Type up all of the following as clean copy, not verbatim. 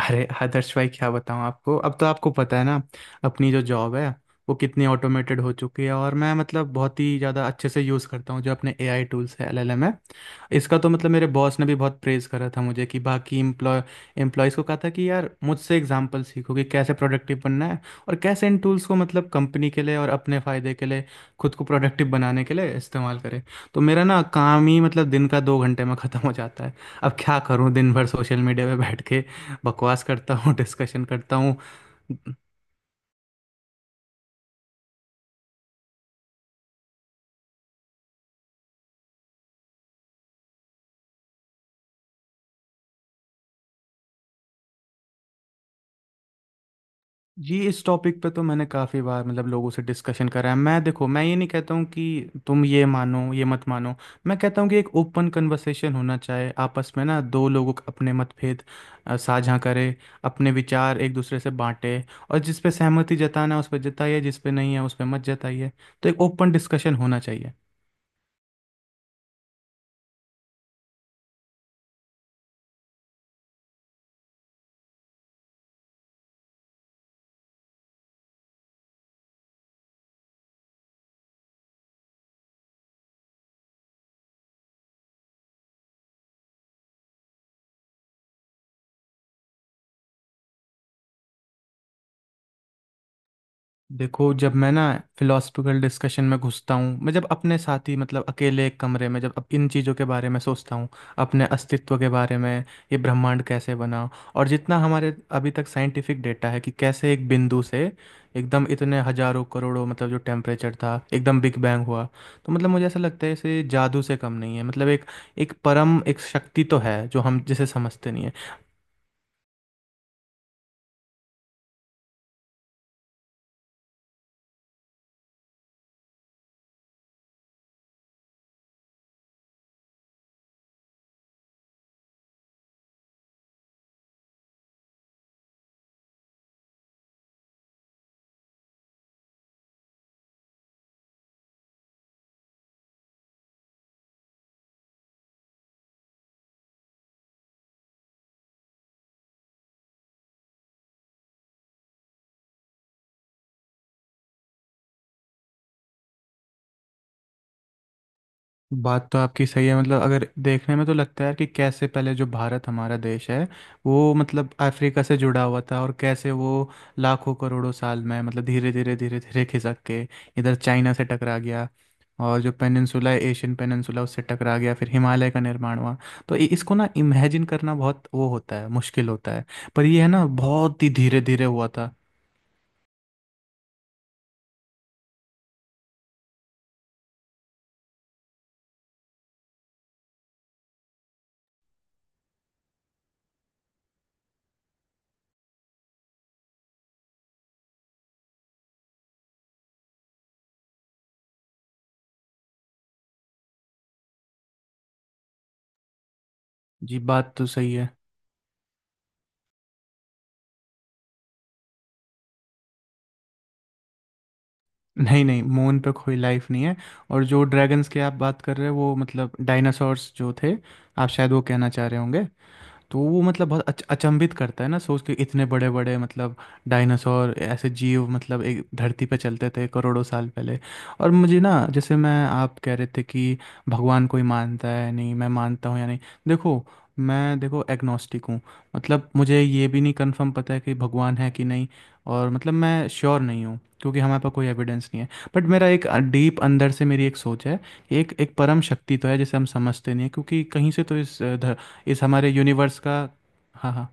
अरे आदर्श भाई, क्या बताऊं आपको। अब तो आपको पता है ना अपनी जो जॉब है वो कितनी ऑटोमेटेड हो चुकी है। और मैं मतलब बहुत ही ज़्यादा अच्छे से यूज़ करता हूँ जो अपने एआई टूल्स है, एलएलएम है। इसका तो मतलब मेरे बॉस ने भी बहुत प्रेज़ करा था मुझे। कि बाकी एम्प्लॉयज़ को कहा था कि यार मुझसे एग्जांपल सीखो कि कैसे प्रोडक्टिव बनना है और कैसे इन टूल्स को मतलब कंपनी के लिए और अपने फ़ायदे के लिए खुद को प्रोडक्टिव बनाने के लिए इस्तेमाल करें। तो मेरा ना काम ही मतलब दिन का दो घंटे में ख़त्म हो जाता है। अब क्या करूँ, दिन भर सोशल मीडिया पे बैठ के बकवास करता हूँ डिस्कशन करता हूँ। जी, इस टॉपिक पे तो मैंने काफ़ी बार मतलब लोगों से डिस्कशन करा है। मैं, देखो मैं ये नहीं कहता हूँ कि तुम ये मानो, ये मत मानो। मैं कहता हूँ कि एक ओपन कन्वर्सेशन होना चाहिए आपस में ना, दो लोगों का। अपने मतभेद साझा करें, अपने विचार एक दूसरे से बांटें। और जिस पे सहमति जताना है उस पर जताइए, जिस पे नहीं है उस पे मत जताइए। तो एक ओपन डिस्कशन होना चाहिए। देखो, जब मैं ना फिलोसफिकल डिस्कशन में घुसता हूँ, मैं जब अपने साथ ही मतलब अकेले एक कमरे में जब अब इन चीज़ों के बारे में सोचता हूँ, अपने अस्तित्व के बारे में, ये ब्रह्मांड कैसे बना। और जितना हमारे अभी तक साइंटिफिक डेटा है कि कैसे एक बिंदु से एकदम इतने हजारों करोड़ों मतलब जो टेम्परेचर था, एकदम बिग बैंग हुआ। तो मतलब मुझे ऐसा लगता है इसे जादू से कम नहीं है। मतलब एक एक परम एक शक्ति तो है जो हम जिसे समझते नहीं है। बात तो आपकी सही है। मतलब अगर देखने में तो लगता है यार कि कैसे पहले जो भारत हमारा देश है वो मतलब अफ्रीका से जुड़ा हुआ था। और कैसे वो लाखों करोड़ों साल में मतलब धीरे धीरे धीरे धीरे खिसक के इधर चाइना से टकरा गया। और जो पेनिनसुला है, एशियन पेनिनसुला, उससे टकरा गया, फिर हिमालय का निर्माण हुआ। तो इसको ना इमेजिन करना बहुत वो होता है, मुश्किल होता है। पर ये है ना, बहुत ही धीरे धीरे हुआ था। जी, बात तो सही है। नहीं नहीं, मून पे कोई लाइफ नहीं है। और जो ड्रैगन्स की आप बात कर रहे हो वो मतलब डायनासोर्स जो थे, आप शायद वो कहना चाह रहे होंगे। तो वो मतलब बहुत अचंभित करता है ना सोच के, इतने बड़े बड़े मतलब डायनासोर, ऐसे जीव मतलब एक धरती पे चलते थे करोड़ों साल पहले। और मुझे ना, जैसे मैं आप कह रहे थे कि भगवान कोई मानता है, नहीं मैं मानता हूँ या नहीं। देखो, मैं देखो एग्नोस्टिक हूँ। मतलब मुझे ये भी नहीं कंफर्म पता है कि भगवान है कि नहीं। और मतलब मैं श्योर नहीं हूँ क्योंकि हमारे पास कोई एविडेंस नहीं है। बट मेरा एक, डीप अंदर से मेरी एक सोच है। एक, एक परम शक्ति तो है जिसे हम समझते नहीं है, क्योंकि कहीं से तो इस इस हमारे यूनिवर्स का। हाँ हाँ।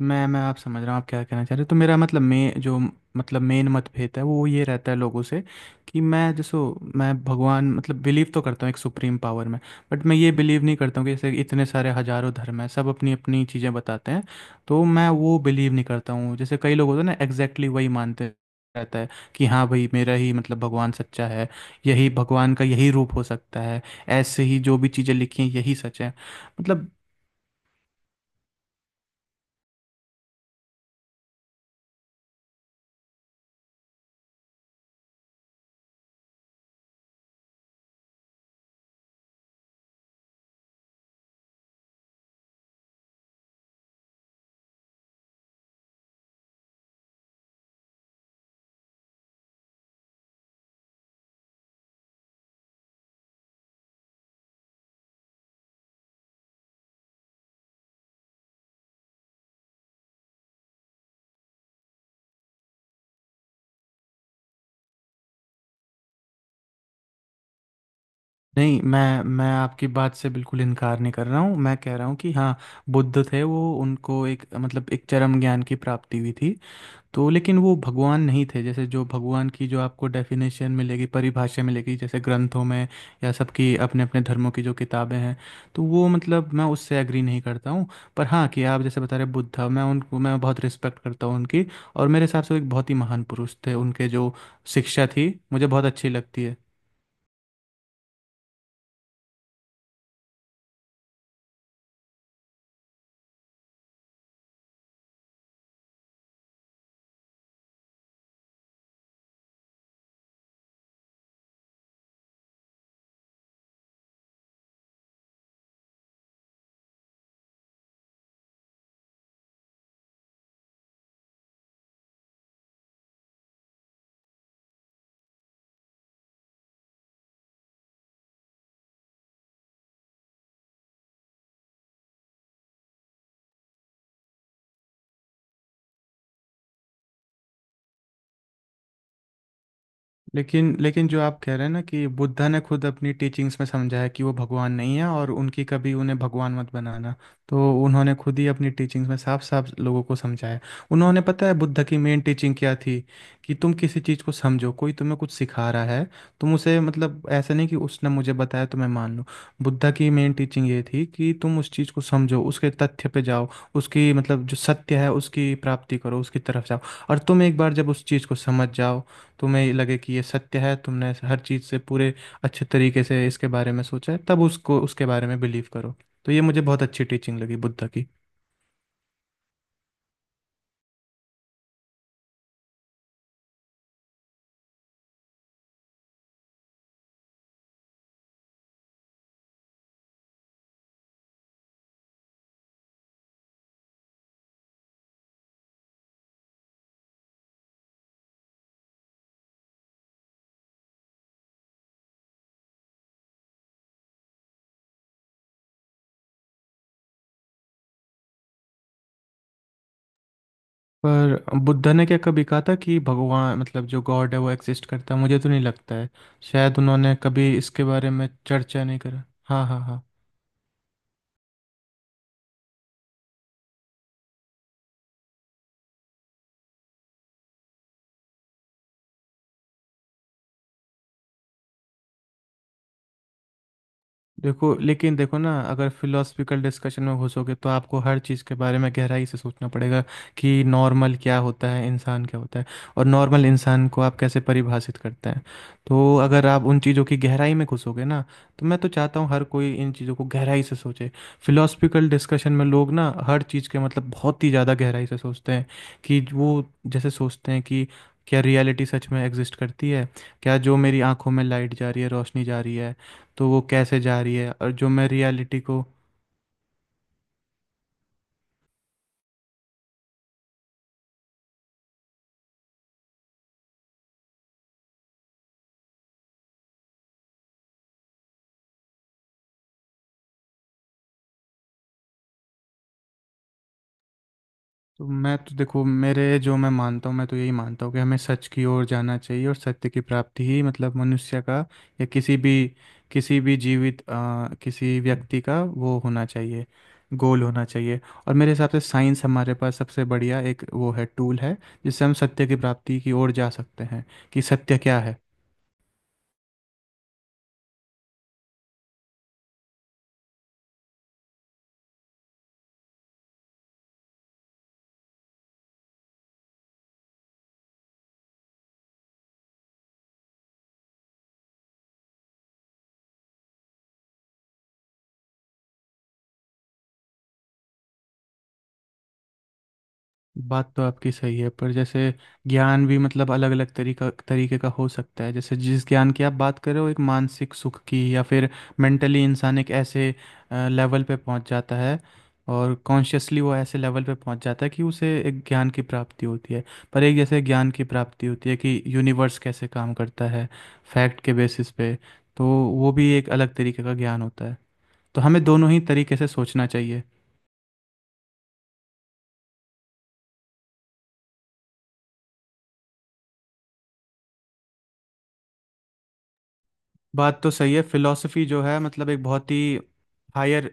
मैं आप समझ रहा हूँ आप क्या कहना चाह रहे हो। तो मेरा मतलब, मैं जो मतलब मेन मतभेद है वो ये रहता है लोगों से, कि मैं जैसे मैं भगवान मतलब बिलीव तो करता हूँ एक सुप्रीम पावर में। बट मैं ये बिलीव नहीं करता हूँ कि जैसे इतने सारे हजारों धर्म हैं, सब अपनी अपनी चीज़ें बताते हैं, तो मैं वो बिलीव नहीं करता हूँ। जैसे कई लोग होते हैं ना, एग्जैक्टली वही मानते रहता है कि हाँ भाई, मेरा ही मतलब भगवान सच्चा है, यही भगवान का यही रूप हो सकता है, ऐसे ही जो भी चीज़ें लिखी हैं यही सच है। मतलब नहीं, मैं आपकी बात से बिल्कुल इनकार नहीं कर रहा हूँ। मैं कह रहा हूँ कि हाँ, बुद्ध थे, वो उनको एक मतलब एक चरम ज्ञान की प्राप्ति हुई थी। तो लेकिन वो भगवान नहीं थे। जैसे जो भगवान की जो आपको डेफिनेशन मिलेगी, परिभाषा मिलेगी जैसे ग्रंथों में या सबकी अपने अपने धर्मों की जो किताबें हैं, तो वो मतलब मैं उससे एग्री नहीं करता हूँ। पर हाँ, कि आप जैसे बता रहे बुद्ध, मैं उनको मैं बहुत रिस्पेक्ट करता हूँ उनकी। और मेरे हिसाब से वो एक बहुत ही महान पुरुष थे, उनके जो शिक्षा थी मुझे बहुत अच्छी लगती है। लेकिन लेकिन जो आप कह रहे हैं ना कि बुद्धा ने खुद अपनी टीचिंग्स में समझा है कि वो भगवान नहीं है, और उनकी कभी उन्हें भगवान मत बनाना, तो उन्होंने खुद ही अपनी टीचिंग्स में साफ साफ लोगों को समझाया है। उन्होंने, पता है बुद्ध की मेन टीचिंग क्या थी? कि तुम किसी चीज़ को समझो, कोई तुम्हें कुछ सिखा रहा है, तुम उसे मतलब ऐसा नहीं कि उसने मुझे बताया तो मैं मान लूँ। बुद्ध की मेन टीचिंग ये थी कि तुम उस चीज़ को समझो, उसके तथ्य पे जाओ, उसकी मतलब जो सत्य है उसकी प्राप्ति करो, उसकी तरफ जाओ। और तुम एक बार जब उस चीज़ को समझ जाओ, तुम्हें लगे कि ये सत्य है, तुमने हर चीज़ से पूरे अच्छे तरीके से इसके बारे में सोचा है, तब उसको, उसके बारे में बिलीव करो। तो ये मुझे बहुत अच्छी टीचिंग लगी बुद्ध की। पर बुद्ध ने क्या कभी कहा था कि भगवान मतलब जो गॉड है वो एग्जिस्ट करता है? मुझे तो नहीं लगता है, शायद उन्होंने कभी इसके बारे में चर्चा नहीं करा। हाँ हाँ हाँ। देखो लेकिन, देखो ना, अगर फिलोसफिकल डिस्कशन में घुसोगे तो आपको हर चीज़ के बारे में गहराई से सोचना पड़ेगा। कि नॉर्मल क्या होता है, इंसान क्या होता है, और नॉर्मल इंसान को आप कैसे परिभाषित करते हैं। तो अगर आप उन चीज़ों की गहराई में घुसोगे ना, तो मैं तो चाहता हूँ हर कोई इन चीज़ों को गहराई से सोचे। फिलोसफिकल डिस्कशन में लोग ना हर चीज़ के मतलब बहुत ही ज़्यादा गहराई से सोचते हैं। कि वो, जैसे सोचते हैं कि क्या रियलिटी सच में एग्जिस्ट करती है, क्या जो मेरी आंखों में लाइट जा रही है, रोशनी जा रही है, तो वो कैसे जा रही है, और जो मैं रियलिटी को। तो मैं तो देखो, मेरे जो मैं मानता हूँ, मैं तो यही मानता हूँ कि हमें सच की ओर जाना चाहिए और सत्य की प्राप्ति ही मतलब मनुष्य का, या किसी भी, किसी भी जीवित किसी व्यक्ति का वो होना चाहिए, गोल होना चाहिए। और मेरे हिसाब से साइंस हमारे पास सबसे बढ़िया एक वो है, टूल है जिससे हम सत्य की प्राप्ति की ओर जा सकते हैं, कि सत्य क्या है। बात तो आपकी सही है, पर जैसे ज्ञान भी मतलब अलग अलग तरीका, तरीके का हो सकता है। जैसे जिस ज्ञान की आप बात कर रहे हो, एक मानसिक सुख की, या फिर मेंटली इंसान एक ऐसे लेवल पे पहुंच जाता है, और कॉन्शियसली वो ऐसे लेवल पे पहुंच जाता है कि उसे एक ज्ञान की प्राप्ति होती है। पर एक जैसे ज्ञान की प्राप्ति होती है कि यूनिवर्स कैसे काम करता है, फैक्ट के बेसिस पे, तो वो भी एक अलग तरीके का ज्ञान होता है। तो हमें दोनों ही तरीके से सोचना चाहिए। बात तो सही है, फिलॉसफी जो है मतलब एक बहुत ही हायर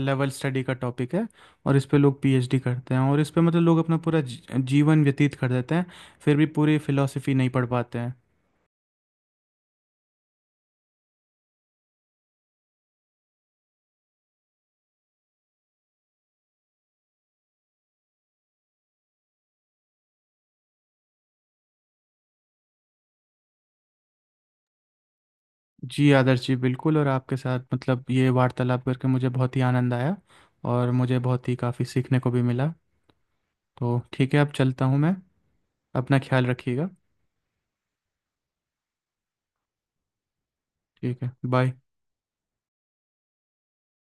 लेवल स्टडी का टॉपिक है। और इस पे लोग पीएचडी करते हैं, और इस पे मतलब लोग अपना पूरा जीवन व्यतीत कर देते हैं, फिर भी पूरी फिलॉसफी नहीं पढ़ पाते हैं। जी आदर्श जी, बिल्कुल। और आपके साथ मतलब ये वार्तालाप करके मुझे बहुत ही आनंद आया, और मुझे बहुत ही काफ़ी सीखने को भी मिला। तो ठीक है, अब चलता हूँ मैं। अपना ख्याल रखिएगा। ठीक है, बाय।